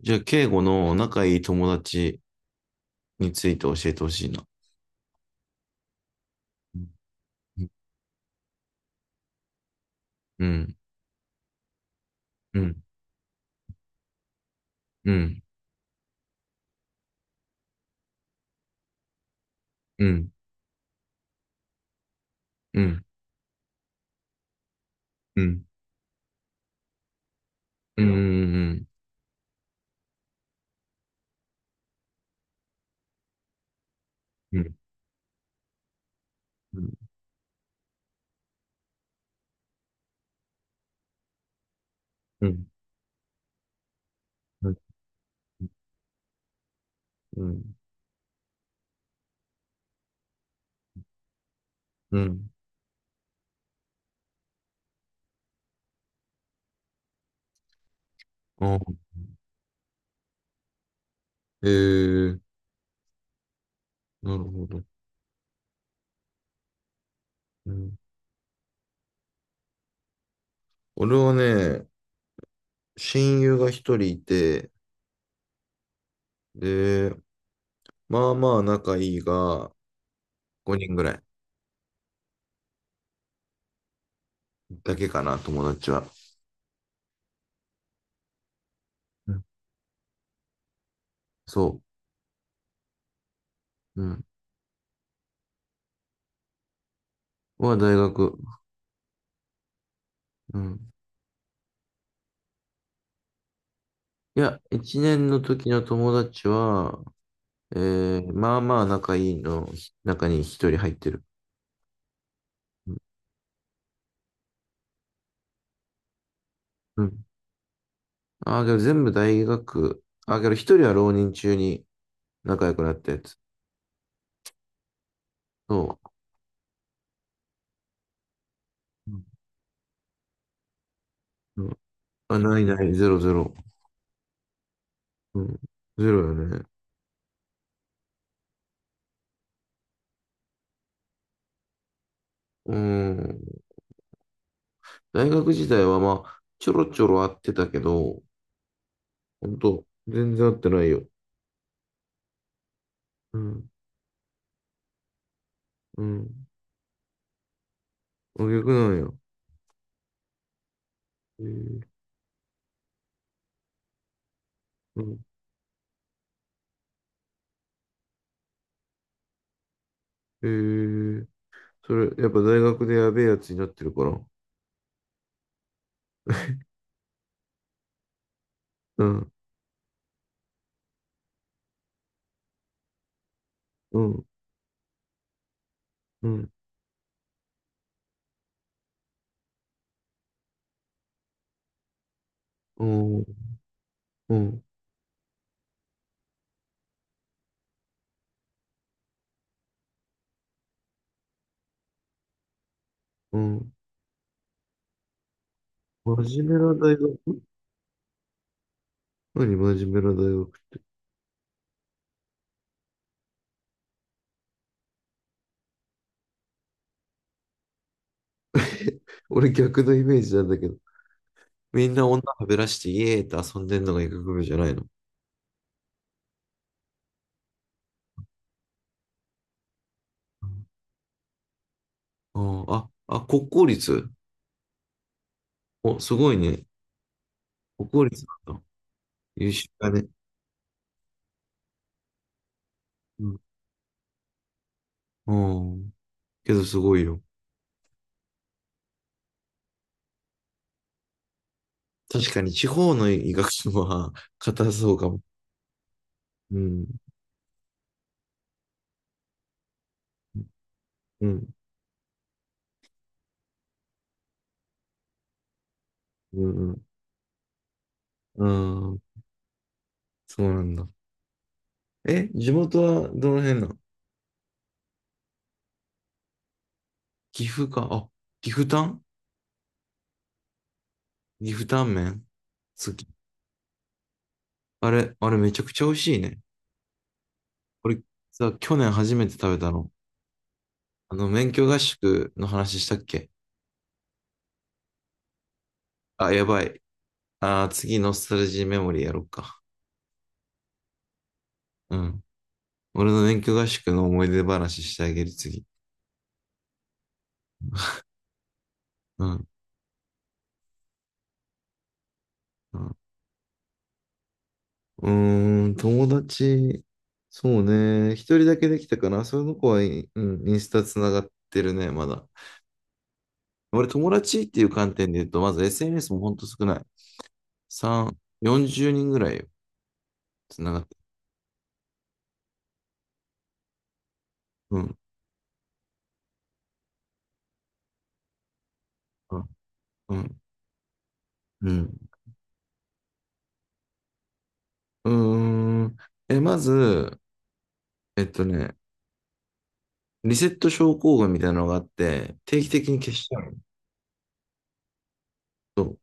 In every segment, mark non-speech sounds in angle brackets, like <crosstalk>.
じゃあ、敬語の仲いい友達について教えてほしいな。うん、うん、うん、うん、うん、うん、うん、うん、うん、うん、うん、うん、うん、うん。あ、えー、なるほど。うん。俺はね、親友が一人いて、で、まあまあ仲いいが、5人ぐらいだけかな、友達は。うん。そう。うん。は大学。うん。いや、1年の時の友達は、まあまあ仲いいのひ中に一人入ってる。うん。うん。ああ、けど全部大学。ああ、けど一人は浪人中に仲良くなったやつ。そう。うん。うん。あ、ないない、ゼロゼロ。うん。ゼロよね。うん。大学時代はまあ、ちょろちょろ会ってたけど、ほんと、全然会ってないよ。うん。うん。あ、逆なんや。えー、うん。えー、それ、やっぱ大学でやべえやつになってるから。うん。うん。うん。うん。うん、うん。真面目な大学？何真面目な大学って。<laughs> 俺逆のイメージなんだけど。みんな女はべらしてイエーって遊んでんのが医学部じゃないの？うん。ああ、あ、国公立？お、すごいね。国公立なんだ。優秀だね。うん。うん。けどすごいよ。確かに地方の医学部は <laughs> 硬そうかも。うん。うん。うん。うん。うん。そうなんだ。え、地元はどの辺なの？岐阜か。あ、岐阜タン岐阜タンメン好き。あれめちゃくちゃ美味しいね。これさ、去年初めて食べたの。免許合宿の話したっけ？あ、やばい。次、ノスタルジーメモリーやろうか。うん。俺の免許合宿の思い出話してあげる、次。うん。うん、うーん、友達、そうね。一人だけできたかな。その子はインスタつながってるね、まだ。俺、友達っていう観点で言うと、まず SNS もほんと少ない。3、40人ぐらいよ。つながっ。うん、うん、うん、うん。うーん。まず、えっとね、リセット症候群みたいなのがあって、定期的に消しちゃうの。そう。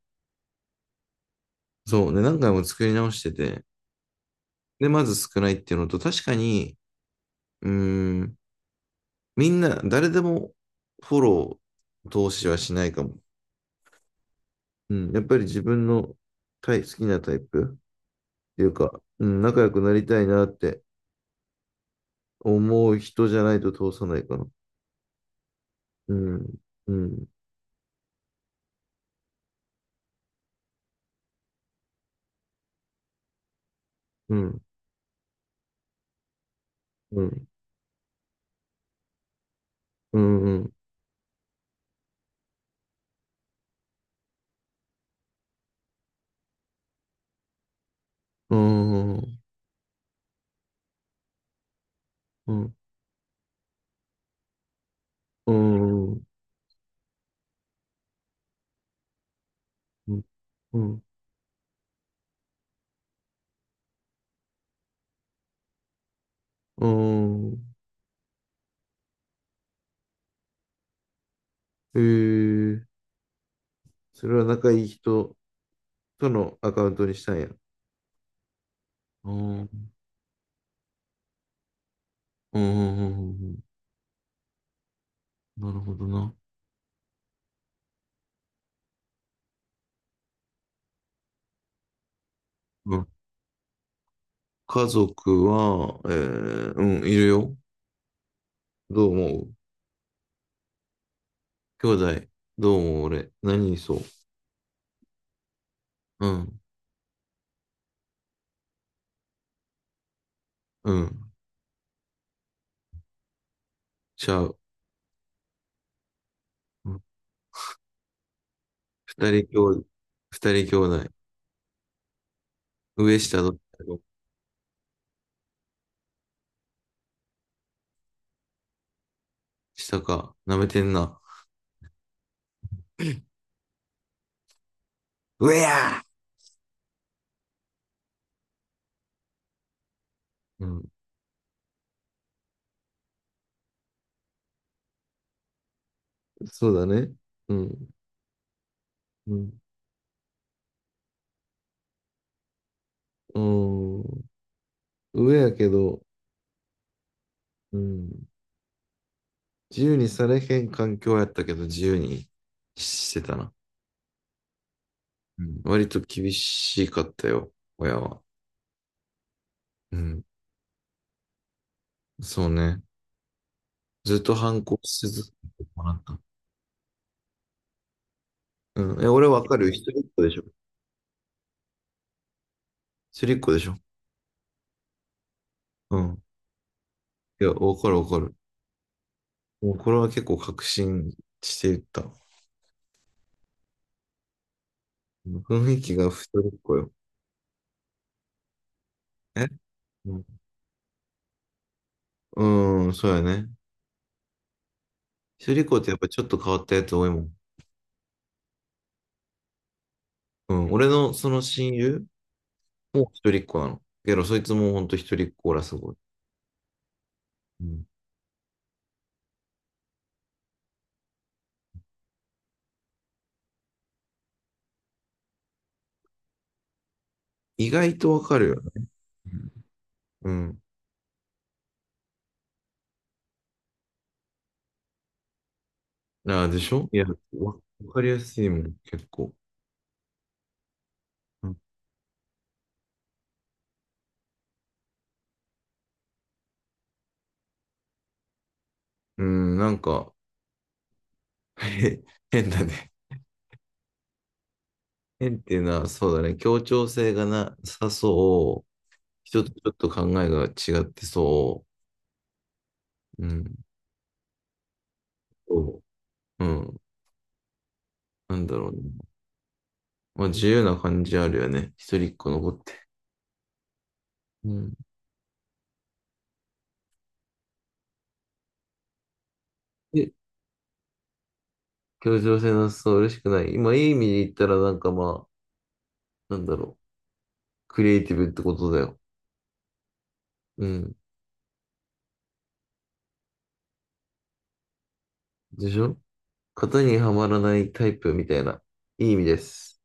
そう。で、何回も作り直してて、で、まず少ないっていうのと、確かに、うーん、みんな、誰でもフォロー、投資はしないかも。うん。やっぱり自分の好きなタイプっていうか、うん、仲良くなりたいなって思う人じゃないと通さないかな。うん、うん、うん、うん、うん、うん、うん、うーん、うん、うん、うん、うん、うん。うん。えー、それは仲いい人とのアカウントにしたんや。うん、うん、うん、うん。うん。なるほどな。うん、家族は、うん、いるよ。どう思う？兄弟、どう思う？俺、何に？そう。うん、うん、ちゃう。うん。二人兄弟、二人兄弟、上下どっちだろう？下か、舐めてんな。上やー。うん、そうだね。うん。うん。うん。上やけど、うん。自由にされへん環境やったけど、自由にしてたな。うん。割と厳しかったよ、親は。うん。そうね。ずっと反抗し続けてもらった。うん。え、俺わかるよ。一人っ子でしょ？一人っ子でしょ？うん。いや、わかるわかる。もうこれは結構確信していった。うん。雰囲気が一人っ子よ。え。うん、うん。そうやね。一人っ子ってやっぱちょっと変わったやつ多いもん。うん、俺のその親友も一人っ子なの。けど、そいつもほんと一人っ子らすごい。うん、意外とわかるよね。うん。ああ、でしょ？いや、わわかりやすいもん、結構。うん、なんか、<laughs> へ変だね。変っていうのは、そうだね。協調性がなさそう。人とちょっと考えが違ってそう。うん。そう。うん。なんだろうね。まあ、自由な感じあるよね。一人っ子の子って。うん。で、協調性なさそう、嬉しくない。今、いい意味で言ったら、なんかまあ、なんだろう。クリエイティブってことだよ。うん。でしょ？型にはまらないタイプみたいな。いい意味です。